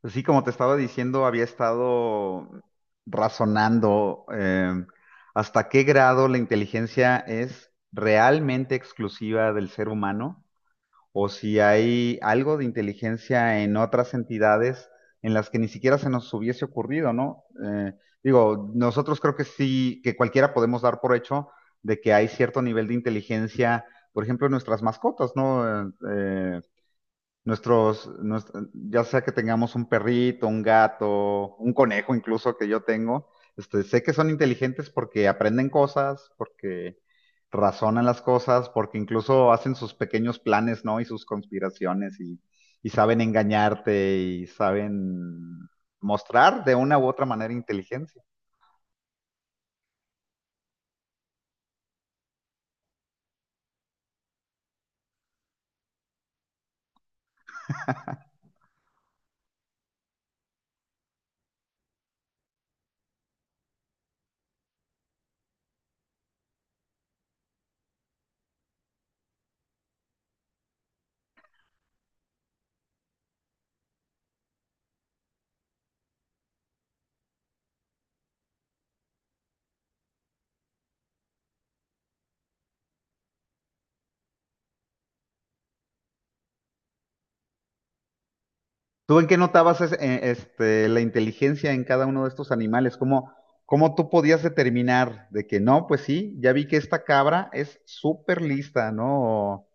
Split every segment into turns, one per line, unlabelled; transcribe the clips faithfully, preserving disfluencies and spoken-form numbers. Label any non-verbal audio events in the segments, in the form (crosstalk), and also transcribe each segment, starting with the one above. Pues sí, como te estaba diciendo, había estado razonando eh, hasta qué grado la inteligencia es realmente exclusiva del ser humano, o si hay algo de inteligencia en otras entidades en las que ni siquiera se nos hubiese ocurrido, ¿no? Eh, digo, nosotros creo que sí, que cualquiera podemos dar por hecho de que hay cierto nivel de inteligencia, por ejemplo, en nuestras mascotas, ¿no? Eh, eh, Nuestros, nues- ya sea que tengamos un perrito, un gato, un conejo incluso que yo tengo, este, sé que son inteligentes porque aprenden cosas, porque razonan las cosas, porque incluso hacen sus pequeños planes, ¿no? Y sus conspiraciones y, y saben engañarte y saben mostrar de una u otra manera inteligencia. ¿Tú en qué notabas es- eh, este, la inteligencia en cada uno de estos animales? ¿Cómo, ¿cómo tú podías determinar de que no, pues sí, ya vi que esta cabra es súper lista, ¿no? O,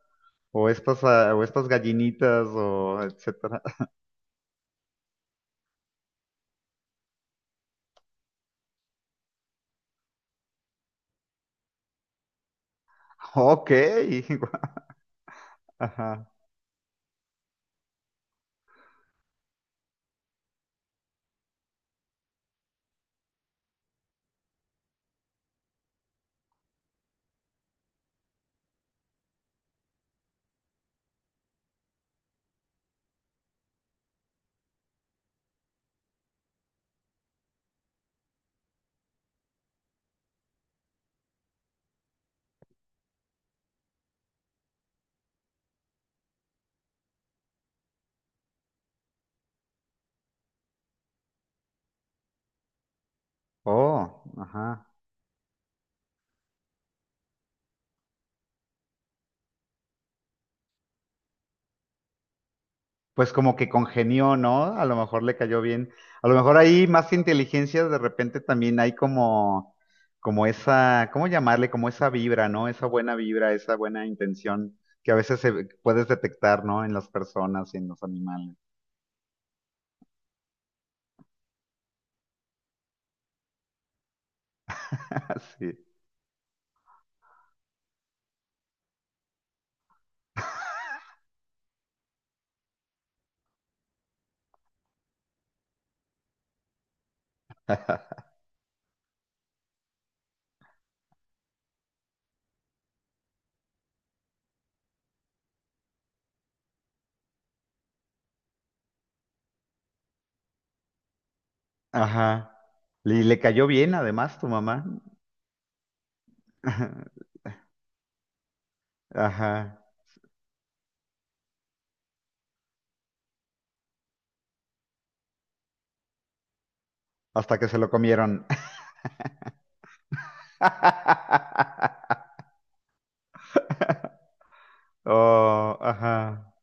O estas, ah, o estas gallinitas, o etcétera. (laughs) Ok. (laughs) Ajá. Oh, ajá. Pues como que congenió, ¿no? A lo mejor le cayó bien. A lo mejor ahí más que inteligencia, de repente también hay como, como esa, ¿cómo llamarle? Como esa vibra, ¿no? Esa buena vibra, esa buena intención que a veces se, puedes detectar, ¿no? En las personas y en los animales. (laughs) Sí. Ajá. Y le cayó bien además tu mamá. (laughs) Ajá. Hasta que se lo comieron. (laughs) Oh, ajá.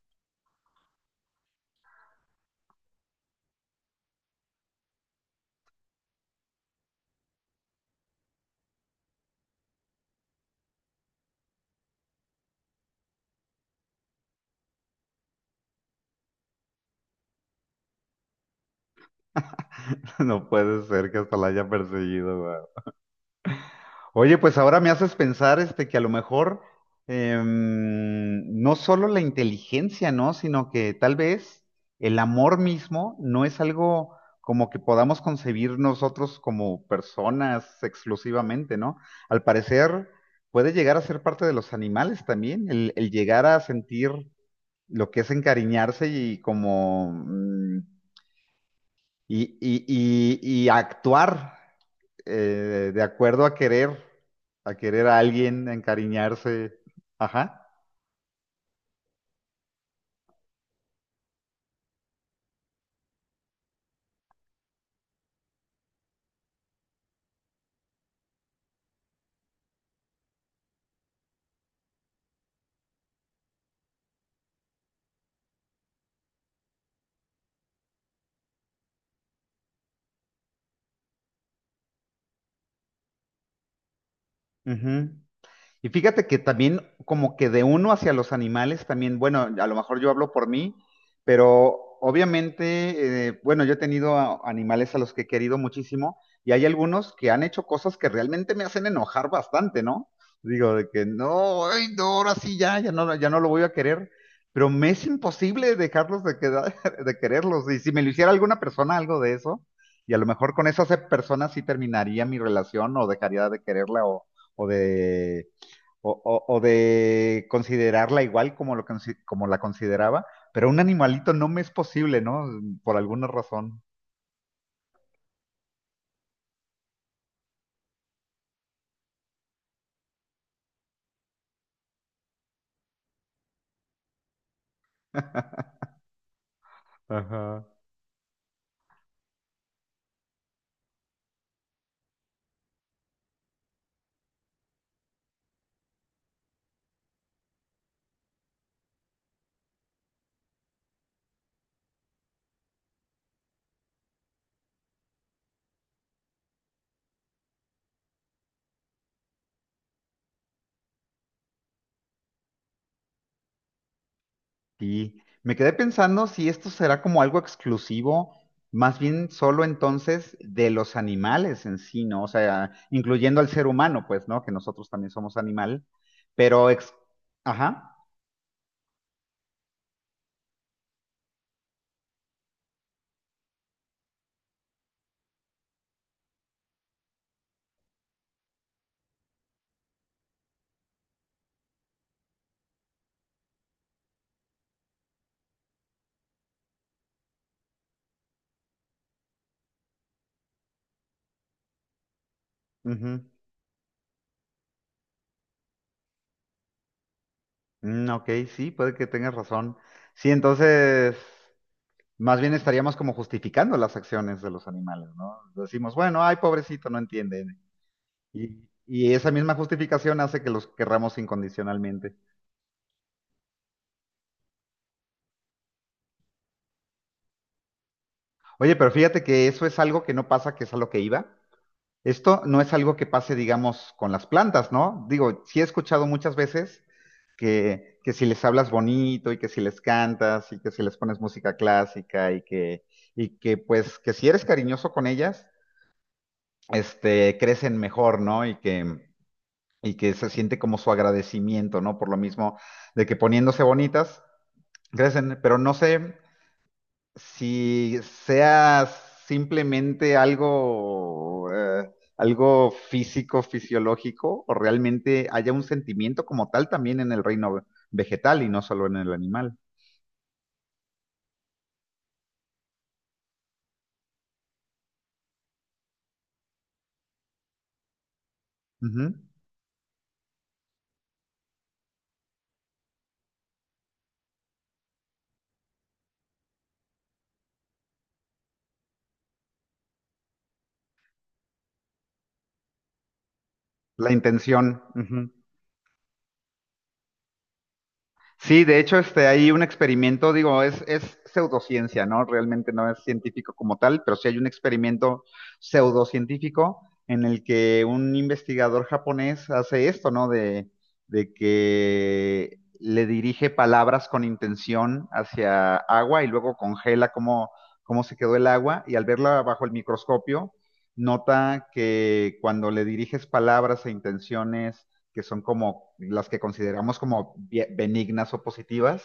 (laughs) No puede ser que hasta la haya perseguido. Oye, pues ahora me haces pensar este, que a lo mejor em, no solo la inteligencia, ¿no? Sino que tal vez el amor mismo no es algo como que podamos concebir nosotros como personas exclusivamente, ¿no? Al parecer puede llegar a ser parte de los animales también, el, el llegar a sentir lo que es encariñarse y como, mm, y, y- y- y actuar eh, de acuerdo a querer, a querer a alguien, a encariñarse. Ajá. Ujú. Y fíjate que también como que de uno hacia los animales también, bueno, a lo mejor yo hablo por mí, pero obviamente, eh, bueno, yo he tenido a- animales a los que he querido muchísimo y hay algunos que han hecho cosas que realmente me hacen enojar bastante, ¿no? Digo, de que no, ay, no, ahora sí ya, ya no, ya no lo voy a querer, pero me es imposible dejarlos de quedar, (laughs) de quererlos. Y si me lo hiciera alguna persona algo de eso, y a lo mejor con esa se- persona sí terminaría mi relación o dejaría de quererla, o, o de o, o- o de considerarla igual como, lo, consi- como la consideraba, pero un animalito no me es posible, ¿no? Por alguna razón. Ajá. Y me quedé pensando si esto será como algo exclusivo, más bien solo entonces de los animales en sí, ¿no? O sea, incluyendo al ser humano, pues, ¿no? Que nosotros también somos animal, pero ex... Ajá. Ujú. Mm, ok, sí, puede que tengas razón. Sí, entonces... Más bien estaríamos como justificando las acciones de los animales, ¿no? Decimos, bueno, ay, pobrecito, no entiende. Y, y esa misma justificación hace que los querramos incondicionalmente. Oye, pero fíjate que eso es algo que no pasa, que es a lo que iba. Esto no es algo que pase, digamos, con las plantas, ¿no? Digo, sí he escuchado muchas veces que, que si les hablas bonito y que si les cantas y que si les pones música clásica y que, y que pues que si eres cariñoso con ellas, este, crecen mejor, ¿no? Y que, y que se siente como su agradecimiento, ¿no? Por lo mismo de que poniéndose bonitas, crecen, pero no sé si sea simplemente algo, eh, algo físico, fisiológico, o realmente haya un sentimiento como tal también en el reino vegetal y no solo en el animal. Ujú. La intención. Ujú. Sí, de hecho, este, hay un experimento, digo, es, es pseudociencia, ¿no? Realmente no es científico como tal, pero sí hay un experimento pseudocientífico en el que un investigador japonés hace esto, ¿no? De, de que le dirige palabras con intención hacia agua y luego congela cómo, cómo se quedó el agua y al verla bajo el microscopio, nota que cuando le diriges palabras e intenciones que son como las que consideramos como benignas o positivas,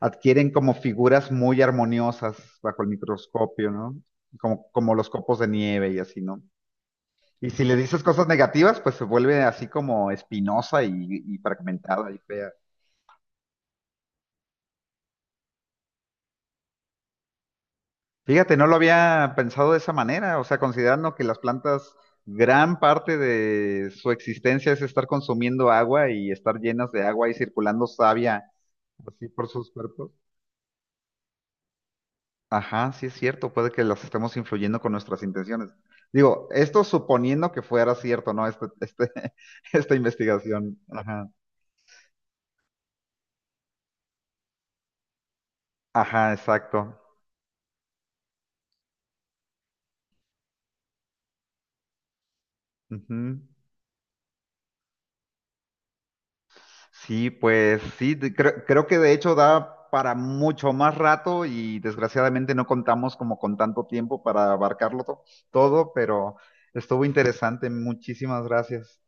adquieren como figuras muy armoniosas bajo el microscopio, ¿no? Como, como los copos de nieve y así, ¿no? Y si le dices cosas negativas, pues se vuelve así como espinosa y, y fragmentada y fea. Fíjate, no lo había pensado de esa manera, o sea, considerando que las plantas gran parte de su existencia es estar consumiendo agua y estar llenas de agua y circulando savia así por sus cuerpos. Ajá, sí es cierto, puede que las estemos influyendo con nuestras intenciones. Digo, esto suponiendo que fuera cierto, ¿no? Este, este, (laughs) esta investigación. Ajá, ajá, exacto. Ujú. Sí, pues sí, de- creo, creo que de hecho da para mucho más rato y desgraciadamente no contamos como con tanto tiempo para abarcarlo to- todo, pero estuvo interesante. Muchísimas gracias.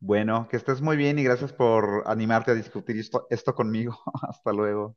Bueno, que estés muy bien y gracias por animarte a discutir esto esto conmigo. (laughs) Hasta luego.